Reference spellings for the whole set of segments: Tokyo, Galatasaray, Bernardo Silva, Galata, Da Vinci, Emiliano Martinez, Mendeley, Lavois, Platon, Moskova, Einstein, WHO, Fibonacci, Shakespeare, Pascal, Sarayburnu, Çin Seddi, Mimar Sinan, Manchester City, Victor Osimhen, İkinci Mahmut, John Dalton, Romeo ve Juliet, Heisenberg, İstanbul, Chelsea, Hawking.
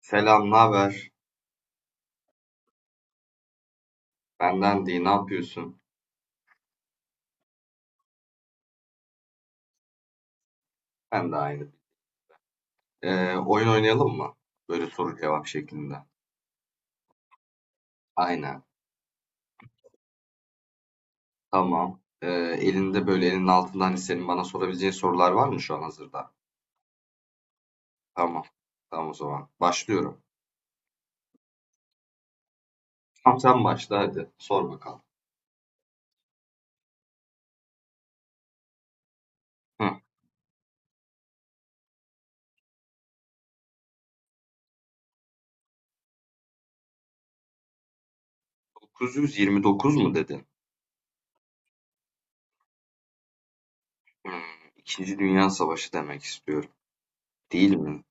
Selam, ne haber? Benden değil, ne yapıyorsun? Ben de aynı. Oyun oynayalım mı? Böyle soru cevap şeklinde. Aynen, tamam. Elinde böyle elinin altında hani senin bana sorabileceğin sorular var mı şu an hazırda? Tamam, tamam o zaman. Başlıyorum. Tamam sen başla hadi, sor bakalım. Hı. 929 mu dedin? Hmm, İkinci Dünya Savaşı demek istiyorum. Değil mi?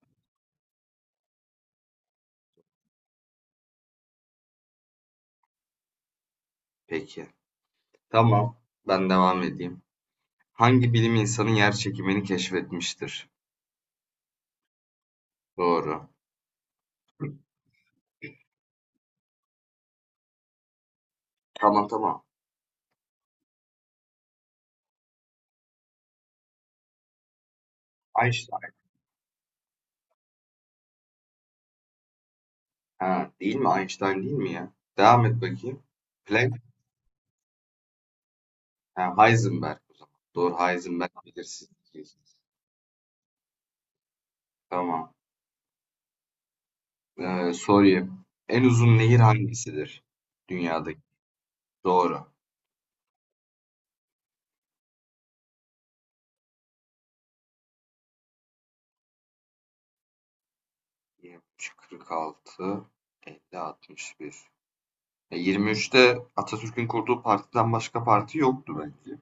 Peki. Tamam, ben devam edeyim. Hangi bilim insanı yer çekimini keşfetmiştir? Doğru. Tamam tamam. Einstein. Ha, değil mi? Einstein değil mi ya? Devam et bakayım. Planck. Ha, Heisenberg o zaman. Doğru Heisenberg bilirsiniz. Tamam. Sorayım. En uzun nehir hangisidir? Dünyadaki. Doğru. 23, 46, 50, 61. E, 23'te Atatürk'ün kurduğu partiden başka parti yoktu belki.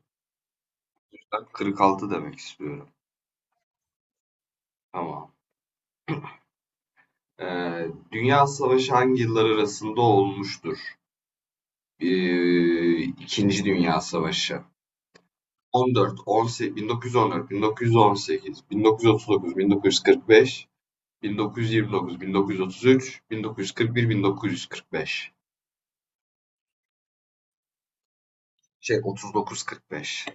Ben 46 demek istiyorum. Tamam. Dünya Savaşı hangi yıllar arasında olmuştur? İkinci Dünya Savaşı. 14, 18, 1914, 1918, 1939, 1945, 1929, 1933, 1941, 1945. 39, 45.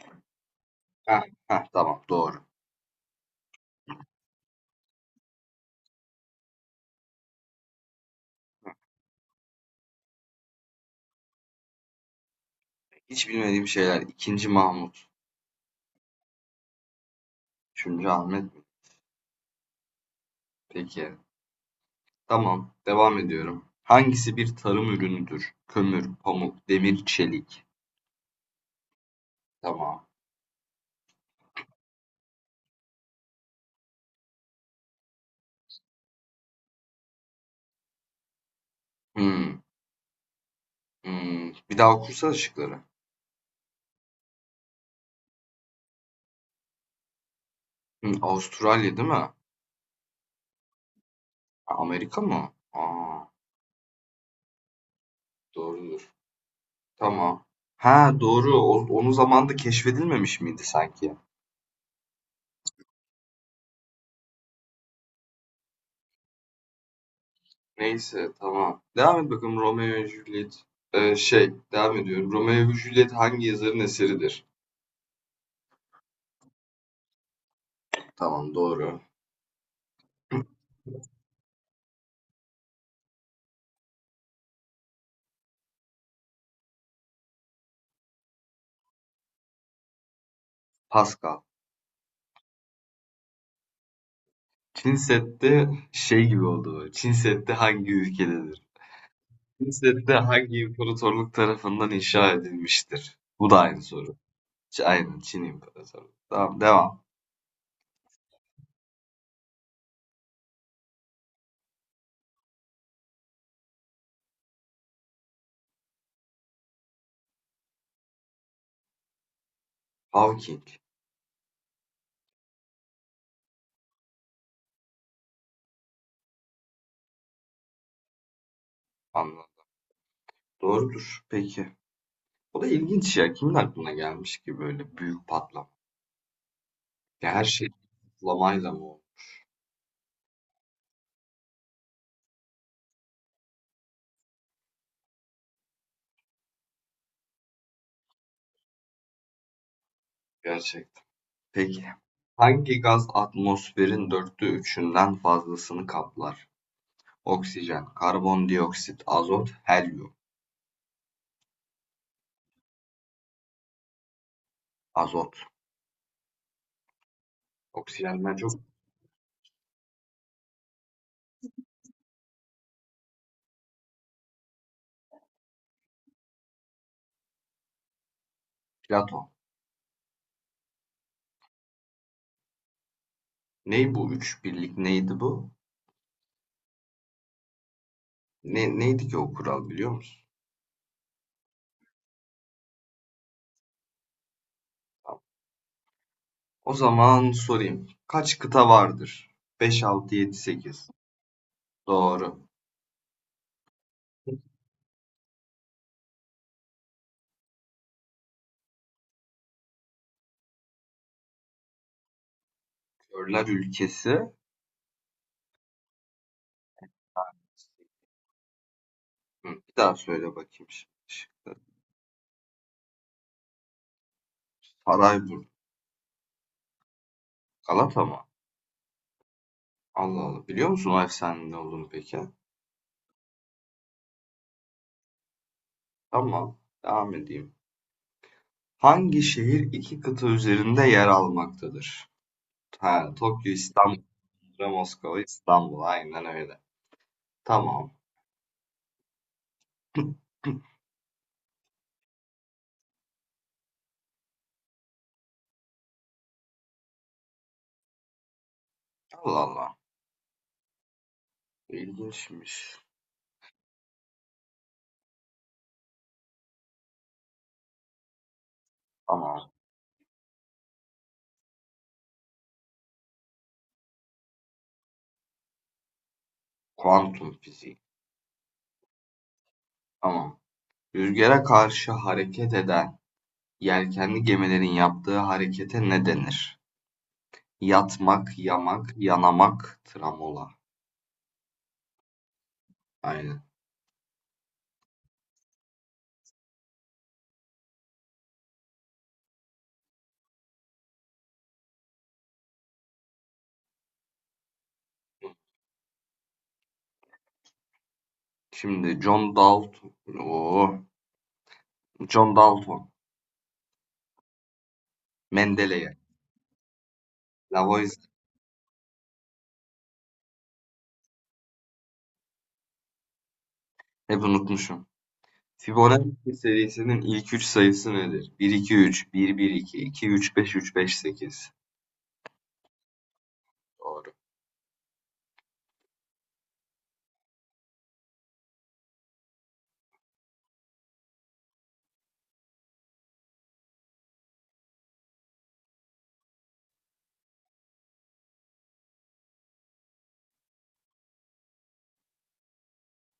Heh, heh, tamam doğru. Hiç bilmediğim şeyler. İkinci Mahmut, üçüncü Ahmet mi? Peki. Tamam, devam ediyorum. Hangisi bir tarım ürünüdür? Kömür, pamuk, demir, çelik. Tamam. Hmm, hmm. Bir daha okursana şıkları. Avustralya değil mi? Amerika mı? Aa. Doğrudur. Tamam. Ha, doğru. Onun zamanında keşfedilmemiş miydi sanki? Neyse, tamam. Devam et bakalım Romeo ve Juliet. Devam ediyorum. Romeo ve Juliet hangi yazarın eseridir? Tamam, doğru. Pascal. Çin Seddi şey gibi oldu böyle, Çin Seddi hangi ülkededir? Çin Seddi hangi imparatorluk tarafından inşa edilmiştir? Bu da aynı soru. Aynen, Çin İmparatorluğu. Tamam, devam. Hawking. Anladım. Doğrudur. Peki. O da ilginç ya. Kimin aklına gelmiş ki böyle büyük patlama? Ya her şey patlamayla mı oldu? Gerçekten. Peki. Hangi gaz atmosferin dörtte üçünden fazlasını kaplar? Oksijen, karbondioksit, azot, helyum. Azot. Oksijenden çok Platon. Ney bu üç birlik neydi bu? Neydi ki o kural biliyor musun? Tamam. O zaman sorayım. Kaç kıta vardır? Beş 6 7 sekiz. Doğru. Körler ülkesi. Hı, bir daha söyle bakayım şimdi şıkları. Sarayburnu, Galata mı? Allah Allah. Biliyor musun o efsanenin ne olduğunu peki? Tamam. Devam edeyim. Hangi şehir iki kıta üzerinde yer almaktadır? Ha, Tokyo, İstanbul, Moskova, İstanbul. Aynen öyle. Tamam. Allah Allah. İlginçmiş. Tamam. Kuantum fiziği. Tamam. Rüzgara karşı hareket eden yelkenli gemilerin yaptığı harekete ne denir? Yatmak, yamak, yanamak, tramola. Aynen. Şimdi John Dalton. Oo, John Dalton. Mendeley. Lavois. Hep unutmuşum. Fibonacci serisinin ilk 3 sayısı nedir? 1 2 3 1 1 2 2 3 5 3 5 8. Doğru.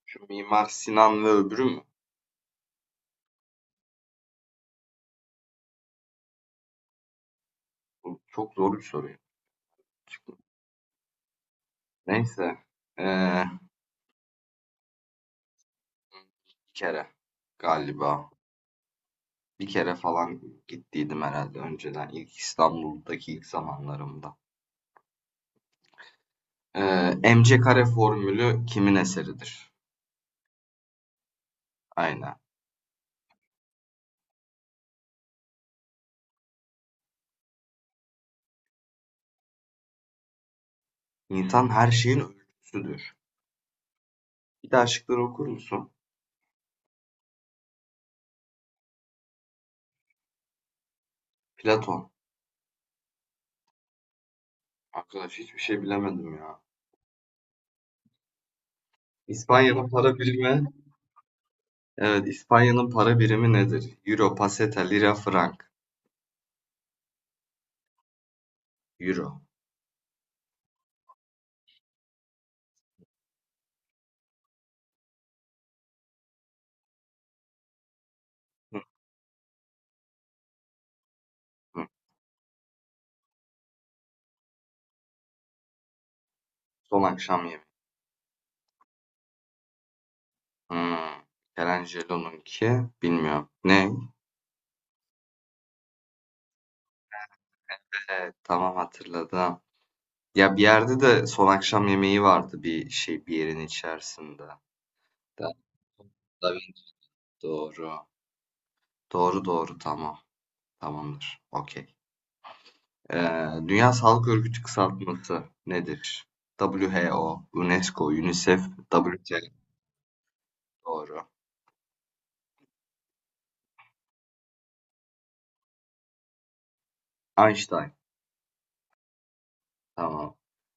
Şu Mimar Sinan ve öbürü mü? Bu çok zor bir soru. Neyse. Ee, Bir kere galiba. Bir kere falan gittiydim herhalde önceden. İlk İstanbul'daki ilk zamanlarımda. MC kare formülü kimin eseridir? Aynen. İnsan her şeyin ölçüsüdür. Bir daha şıkları okur musun? Platon. Arkadaş hiçbir şey bilemedim ya. İspanya'nın para birimi. Evet, İspanya'nın para birimi nedir? Euro, peseta, lira, frank. Euro. Hı hı. Son akşam yemeği. Hmm. Michelangelo'nunki bilmiyorum. Ne? Evet, tamam hatırladım. Ya bir yerde de son akşam yemeği vardı bir şey bir yerin içerisinde. Da Da Vinci. Doğru. Doğru doğru tamam. Tamamdır. Okey. Dünya Sağlık Örgütü kısaltması nedir? WHO, UNESCO, UNICEF, WTO. Doğru. Einstein. Tamam.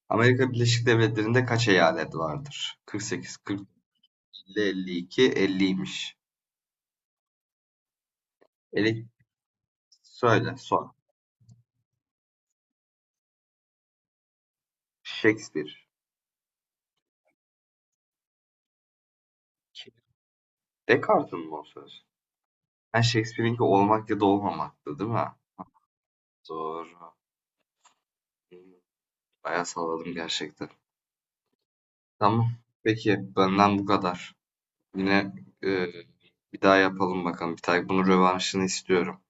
Amerika Birleşik Devletleri'nde kaç eyalet vardır? 48, 40, 50, 52, 50'ymiş. Elek söyle son. Shakespeare. Kim? Descartes'in mi o söz? Ha Shakespeare'inki olmak ya da olmamaktı değil mi? Doğru. Bayağı salladım gerçekten. Tamam. Peki benden bu kadar. Yine e, bir daha yapalım bakalım. Bir tane bunun rövanşını istiyorum.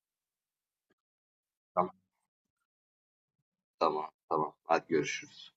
Tamam, tamam, tamam. Hadi görüşürüz.